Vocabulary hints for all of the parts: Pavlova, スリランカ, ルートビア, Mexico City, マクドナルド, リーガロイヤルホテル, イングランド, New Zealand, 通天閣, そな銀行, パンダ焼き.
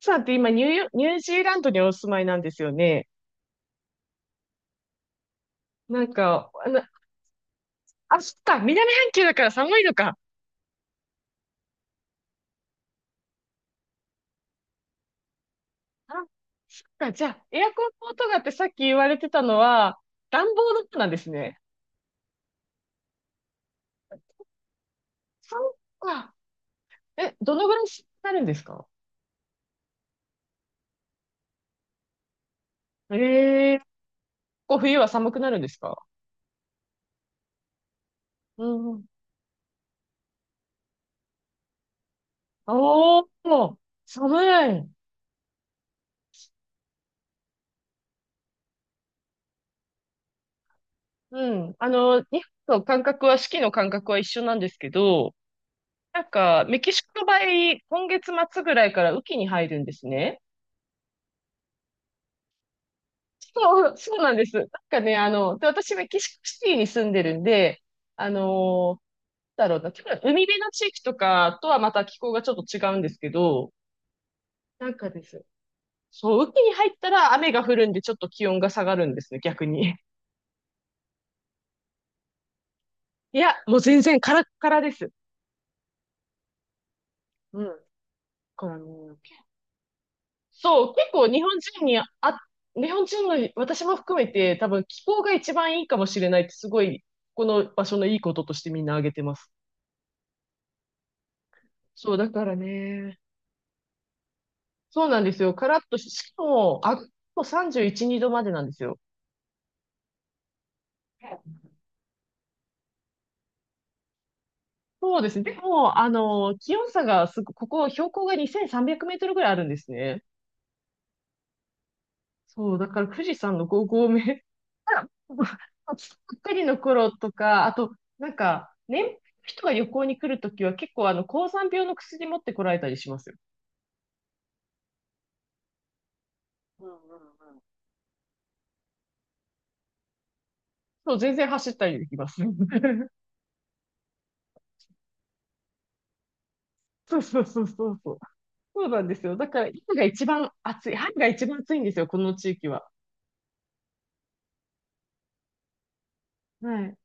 さんって今ニュージーランドにお住まいなんですよね。なんか、あの、あ、そっか、南半球だから寒いのか。あ、そっか、じゃあ、エアコンの音がってさっき言われてたのは、暖房の音なんですね。そっか。え、どのぐらいになるんですか？ええ、こう冬は寒くなるんですか？うんうん。おー、寒い。うん。日本と感覚は、四季の感覚は一緒なんですけど、なんか、メキシコの場合、今月末ぐらいから雨季に入るんですね。そう、そうなんです。なんかね、で私、メキシコシティに住んでるんで、あのーなんだろうな、結構海辺の地域とかとはまた気候がちょっと違うんですけど、なんかです。そう、雨季に入ったら雨が降るんで、ちょっと気温が下がるんですね、逆に。いや、もう全然カラッカラです。うん。だからね、そう、結構日本人の私も含めて多分気候が一番いいかもしれないってすごい、この場所のいいこととしてみんな挙げてます。そう、だからね。そうなんですよ。カラッとし、しかも、あ、もう31、2度までなんですよ。そうですね。でも、気温差がすご、ここ標高が2300メートルぐらいあるんですね。そう、だから富士山の5合目ばっかりの頃とか、あと、なんか、年配の人が旅行に来るときは結構高山病の薬持ってこられたりしますよ。うんうんうん。そう、全然走ったりできます。そうそうそうそうそう。そうなんですよ。だから、今が一番暑い。春が一番暑いんですよ、この地域は。はい。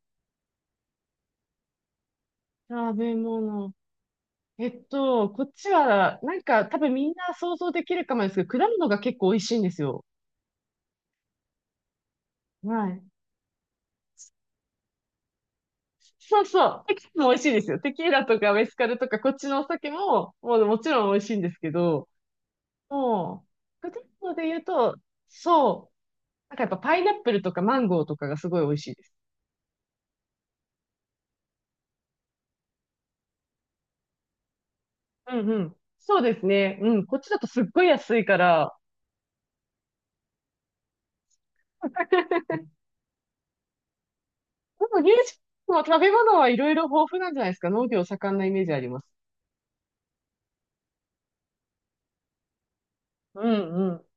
食べ物。こっちは、なんか、多分みんな想像できるかもですけど、果物が結構美味しいんですよ。はい。そうそう。テキスも美味しいですよ。テキーラとかメスカルとかこっちのお酒も、もうもちろん美味しいんですけど、もう、果物で言うと、そう。なんかやっぱパイナップルとかマンゴーとかがすごい美味しいです。うんうん。そうですね。うん。こっちだとすっごい安いから。でも、ニュージーランドは食べ物はいろいろ豊富なんじゃないですか。農業盛んなイメージあります。うんうん。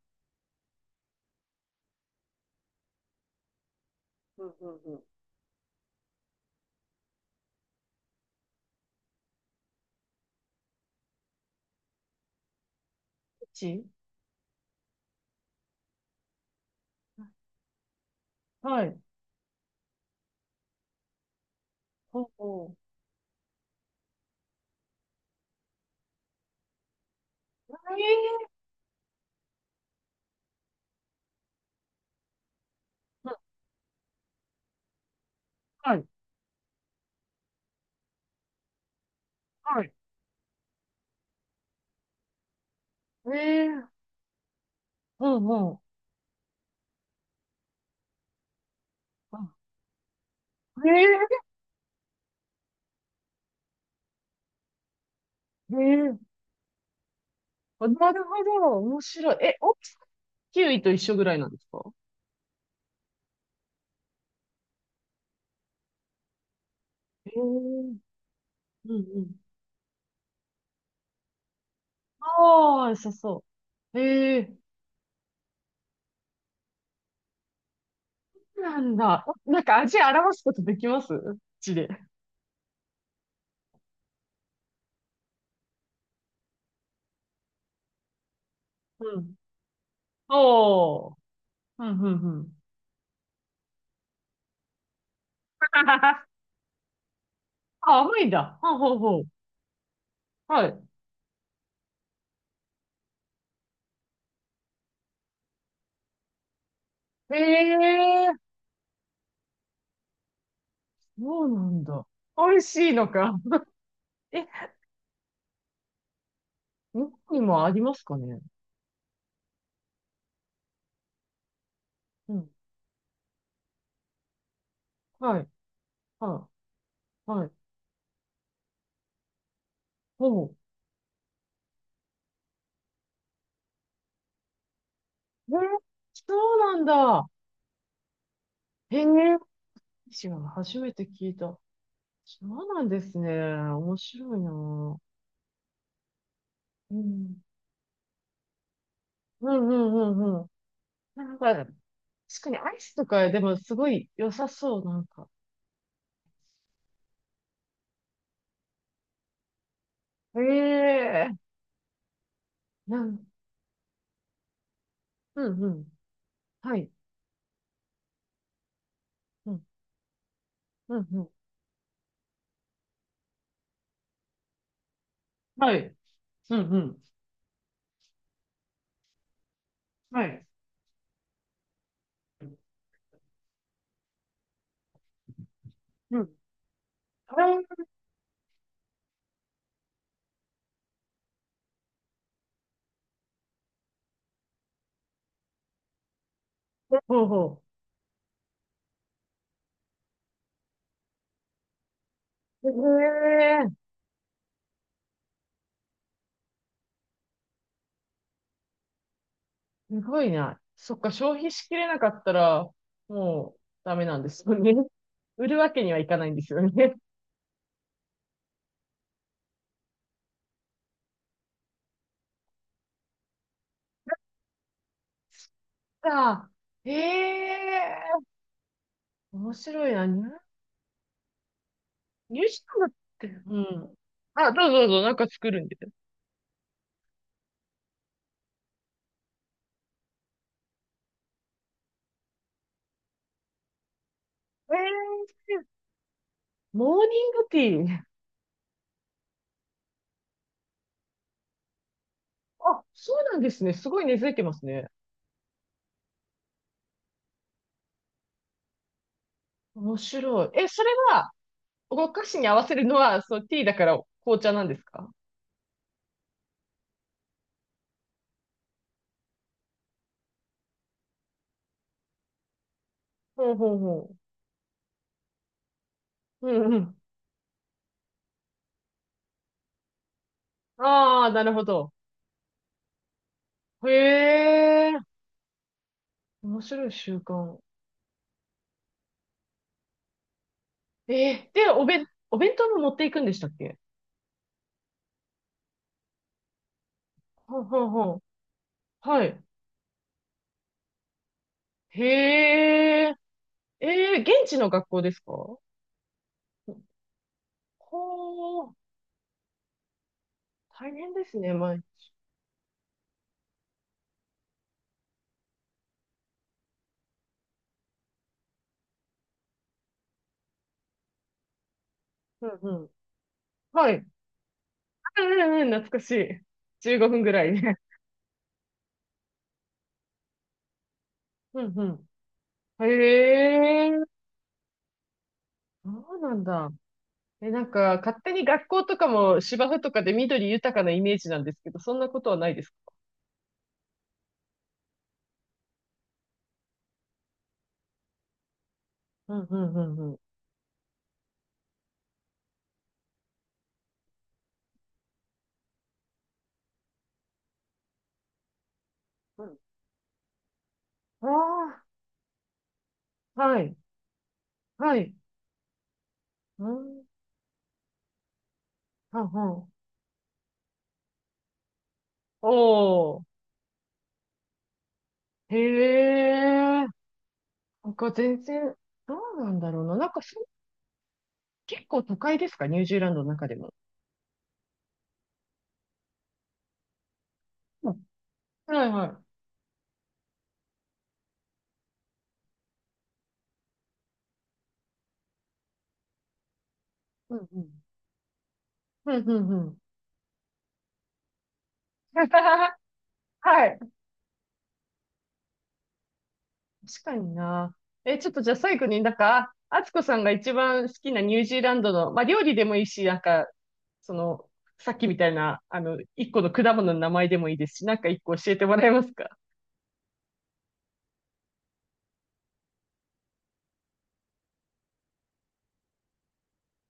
うんうんうん。こっちはい。ほうほう。ええ、はい。はい。ええ、ほうんうん。ええええ、あ、なるほど。面白い。え、大きさ、キウイと一緒ぐらいなんですか？ええ、うんうん。ああ、良さそう。ええ、そうなんだ。お、なんか味表すことできます口で？うん。おー。うん、うん、うん。あ、甘いんだ。ほうほうほう。はい。ええ、そうなんだ。美味しいのか。え、日本にもありますかね？うん。はい。はい。はい。ほう。えー、そうなんだ。へえ、私は初めて聞いた。そうなんですね。面白いな。うんうんうんうんうん。なんか、確かにアイスとかでもすごい良さそう、なんか。へえ、なん、うんうん。はい。うん、うん、うん。はい。うん、うん。はい。うん。はい。ほうほう。へえ、すごいな。そっか、消費しきれなかったら、もう、ダメなんですよね。売るわけにはいかないんですよね。か。ええー、面白いな。ニュージーランドって、うん。あ、どうぞどうぞ、なんか作るんで。ええー、モーニングティー。あ、そうなんですね。すごい根付いてますね。面白い。え、それは、お菓子に合わせるのは、そう、ティーだから紅茶なんですか？ほうほうほう。うんうん。ああ、なるほど。へえ、面白い習慣。で、おべん、お弁当も持っていくんでしたっけ？ほうほうほう。はい。へえ、ええ、現地の学校ですか？ほー、大変ですね、うんうん。はい。うんうんうん、懐かしい。15分ぐらいね。うんうん。へえ、そうなんだ。え、なんか、勝手に学校とかも芝生とかで緑豊かなイメージなんですけど、そんなことはないですか？うんうんうんうん。うん、ああ、はい、はい。うん、はんはん。おー、へえ、なんか全然、どうなんだろうな。なんかそ結構都会ですか、ニュージーランドの中でも？うん。はいはい、うんうん。うんうんうん。はい。確かにな。え、ちょっとじゃあ最後になんか、あつこさんが一番好きなニュージーランドの、まあ料理でもいいし、なんか、その、さっきみたいな、一個の果物の名前でもいいですし、なんか一個教えてもらえますか？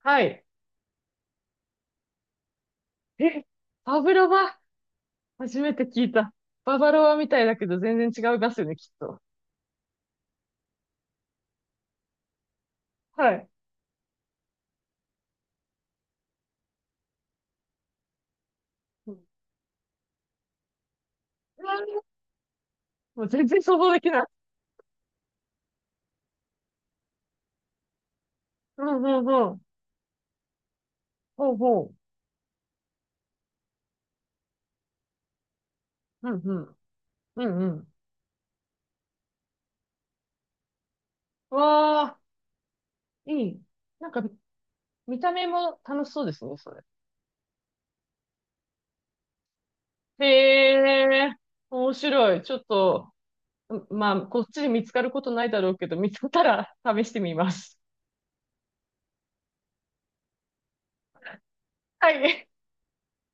はい。え、バブロバ、初めて聞いた。ババロアみたいだけど全然違いますよね、きっと。はい。うん、もう全然想像できない。うんうんうん。ほうほう。うんうん。うんうん。わあ、いい。なんか、見た目も楽しそうですね、それ。へえ、面白い。ちょっと、まあ、こっちで見つかることないだろうけど、見つかったら試してみます。はい。